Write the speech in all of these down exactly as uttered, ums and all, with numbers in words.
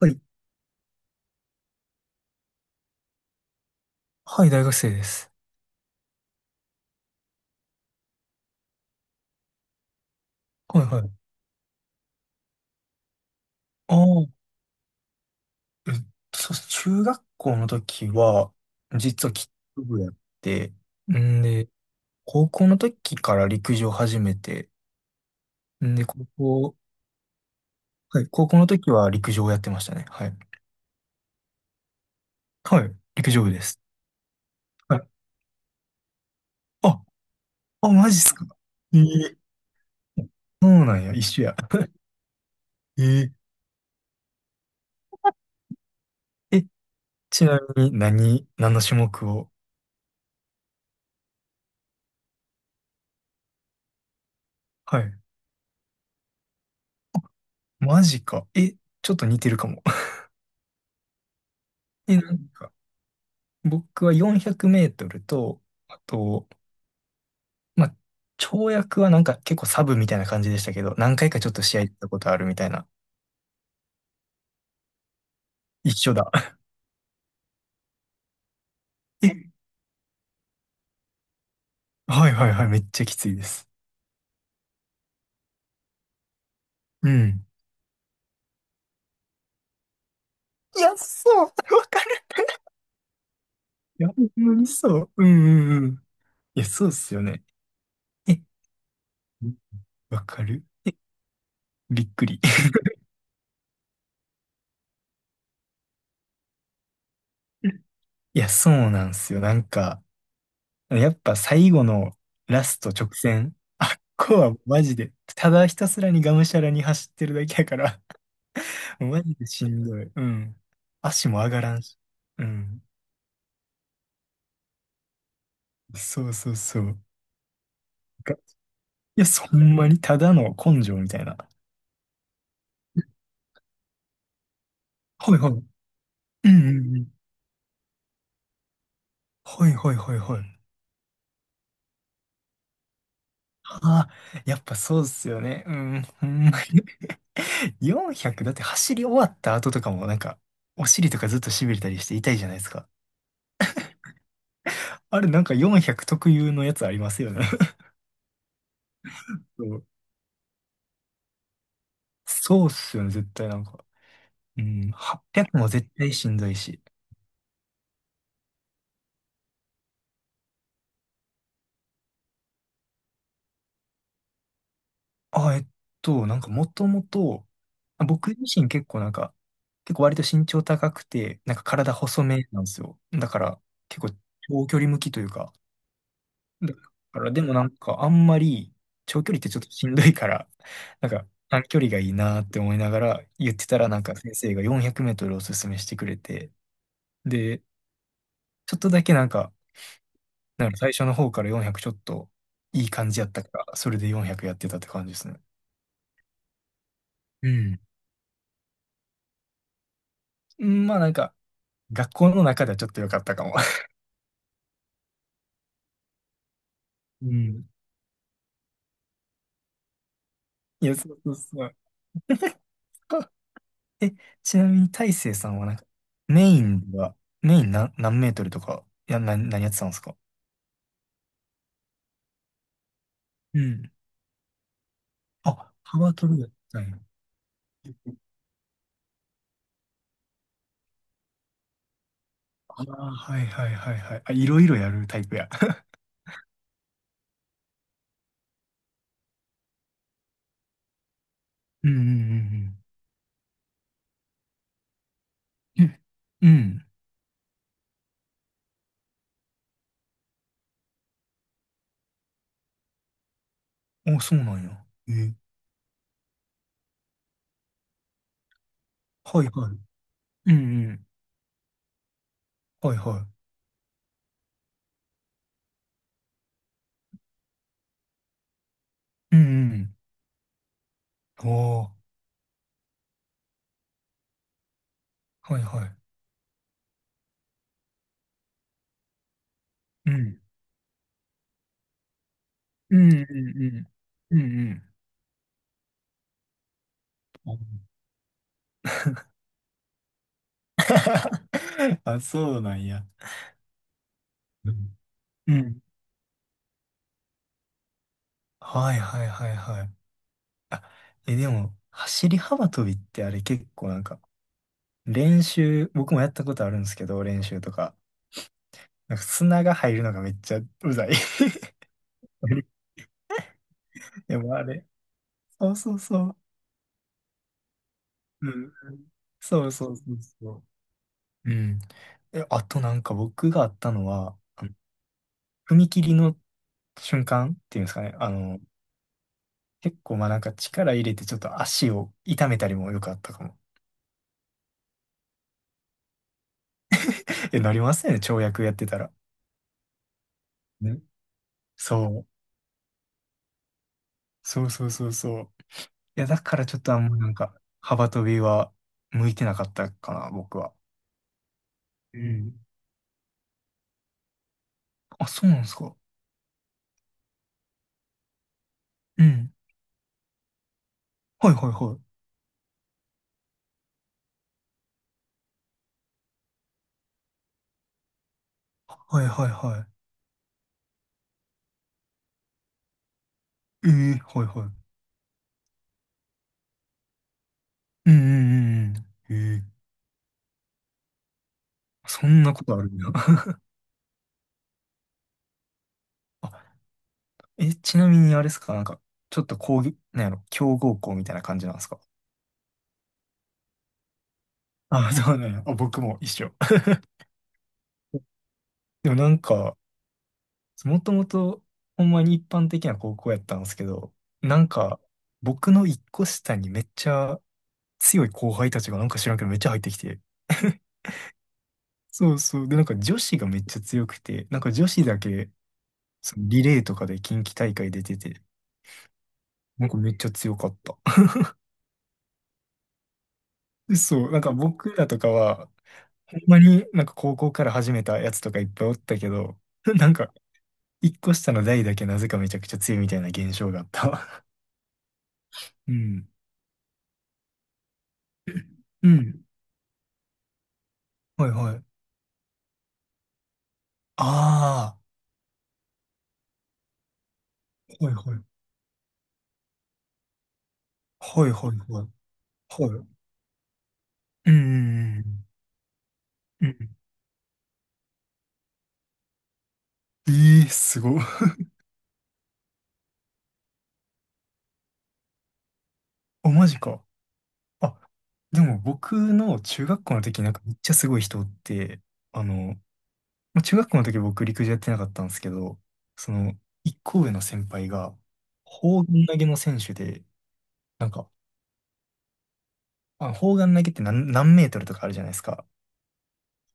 はい、はい、大学生です。はい、はい。ああえっと、そうです、中学校の時は、実はキック部やって、んで、高校の時から陸上始めて、んで、で、高校、はい。高校の時は陸上をやってましたね。はい。はい、陸上部です。はい。あ、あ、マジっすか。ええ、そうなんや、一緒や。ええ、え、ちなみに何、何の種目を？はい。マジか。え、ちょっと似てるかも。え、なんか僕はよんひゃくメートルと、あと、まあ、跳躍はなんか結構サブみたいな感じでしたけど、何回かちょっと試合行ったことあるみたいな。一緒だ。え、はいはいはい、めっちゃきついです。うん。いや、そう、わかる。いや、ほんまにそう。うんうんうん。いや、そうっすよね。え、わかる、え、びっくり。いや、そうなんすよ。なんか、やっぱ最後のラスト直線、あっこはマジで、ただひたすらにがむしゃらに走ってるだけやから、マジでしんどい。うん。足も上がらんし。うん。そうそうそう。がいや、そんまにただの根性みたいな。はいはい。うんうんうん。はいはいはいはい。ああ、やっぱそうっすよね。うん。ほんまに。よんひゃくだって走り終わった後とかもなんか、お尻とかずっと痺れたりして痛いじゃないですか。あれなんかよんひゃく特有のやつありますよね。そう、そうっすよね、絶対なんか。うん。はっぴゃくも絶対しんどいし。あ、えっと、なんかもともと、まあ僕自身結構なんか、結構割と身長高くて、なんか体細めなんですよ。だから結構長距離向きというか、だからでもなんかあんまり長距離ってちょっとしんどいから、なんか短距離がいいなって思いながら言ってたらなんか先生がよんひゃくメートルおすすめしてくれて、で、ちょっとだけなんか、なんか最初の方からよんひゃくちょっといい感じやったから、それでよんひゃくやってたって感じですね。うん。うん、まあなんか、学校の中ではちょっと良かったかも。うん。いや、そうそうそう。え、ちなみに大成さんはなんか、メインでは、メイン何、何メートルとか、いや、な、何やってたんですか？うん。あ、幅取るやったんや。ああ、はいはいはいはい。あ、いろいろやるタイプや。うんうんうんうん。うん、お、そうなんや。え、はいはい。うん。うんうん。はいはい。うんうん。おー、はいはい。うん。うんうんうん。うんうん。あ。 あ、そうなんや。うんうん。はいはいはいはい。あ、え、でも、走り幅跳びってあれ結構なんか、練習、僕もやったことあるんですけど、練習とか。なんか砂が入るのがめっちゃうざい。でもあれ、そうそうそう。うん。そうそうそうそう。うん。え、あとなんか僕があったのは、あの踏切の瞬間っていうんですかね。あの、結構まあなんか力入れてちょっと足を痛めたりもよくあったかも。え、なりますよね、跳躍やってたら。ね。そう。そうそうそうそう。いや、だからちょっとあんまなんか、幅跳びは向いてなかったかな、僕は。うん。あ、そうなんですか。うん。はいはいはい。はいはいはい。ええ、はいはい。うんうんうんうん。ええ、そんなことあるんだ。あ、え、ちなみにあれですか、なんか、ちょっと講義、なんやろ、強豪校みたいな感じなんですか。あ、そうなんや。あ、僕も一緒。でもなんか、もともと、ほんまに一般的な高校やったんですけど、なんか、僕の一個下にめっちゃ強い後輩たちがなんか知らんけどめっちゃ入ってきて。そうそう。で、なんか女子がめっちゃ強くて、なんか女子だけ、そのリレーとかで近畿大会出てて、なんかめっちゃ強かった。そう、なんか僕らとかは、ほんまになんか高校から始めたやつとかいっぱいおったけど、なんか一個下の代だけなぜかめちゃくちゃ強いみたいな現象があった。うん。うん。はいはい。ああ、はいはい。はいはいはい。はい。うん。うん。ええー、すごい。あ、マジか。あ、でも僕の中学校の時なんかめっちゃすごい人おって、あの、まあ中学校の時僕陸上やってなかったんですけど、その、一個上の先輩が、砲丸投げの選手で、なんか、あ、砲丸投げって何、何メートルとかあるじゃないですか。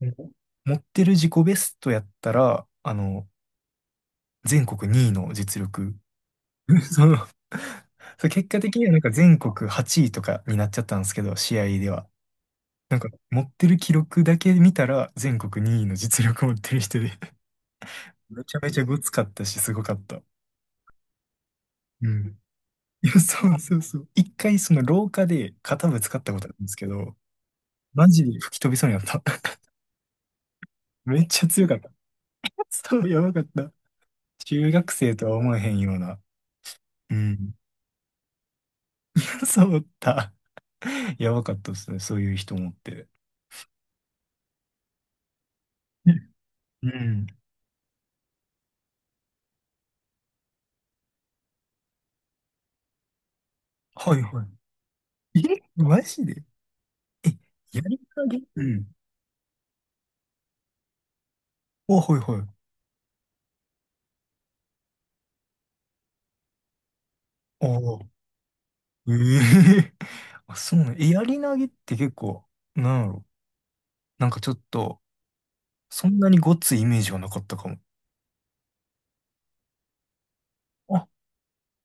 うん、持ってる自己ベストやったら、あの、全国にいの実力。そう、そう、結果的にはなんか全国はちいとかになっちゃったんですけど、試合では。なんか持ってる記録だけ見たら全国にいの実力持ってる人で めちゃめちゃごつかったし、すごかった。うん。いや、そうそうそう。一回その廊下で肩ぶつかったことあるんですけど、マジで吹き飛びそうになった。めっちゃ強かった。そう、やばかった。中学生とは思えへんような。うん。そうだった。やばかったですね、そういう人もって。うん。はいはい。え、マジで？え、やり投げ、うん。あ、はいはい。ああ、ええ。 あ、そうね。え、やり投げって結構、なんやろ、なんかちょっと、そんなにごっついイメージはなかったかも。あ、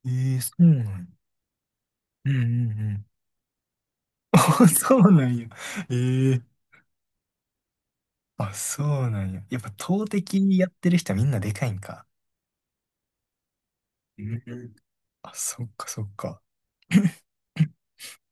ええ、そうなんや。うんうんうん。あ、そうなんや。ええ、あ、そうなんや。やっぱ投擲やってる人はみんなでかいんか。うん、あ、そっかそっか。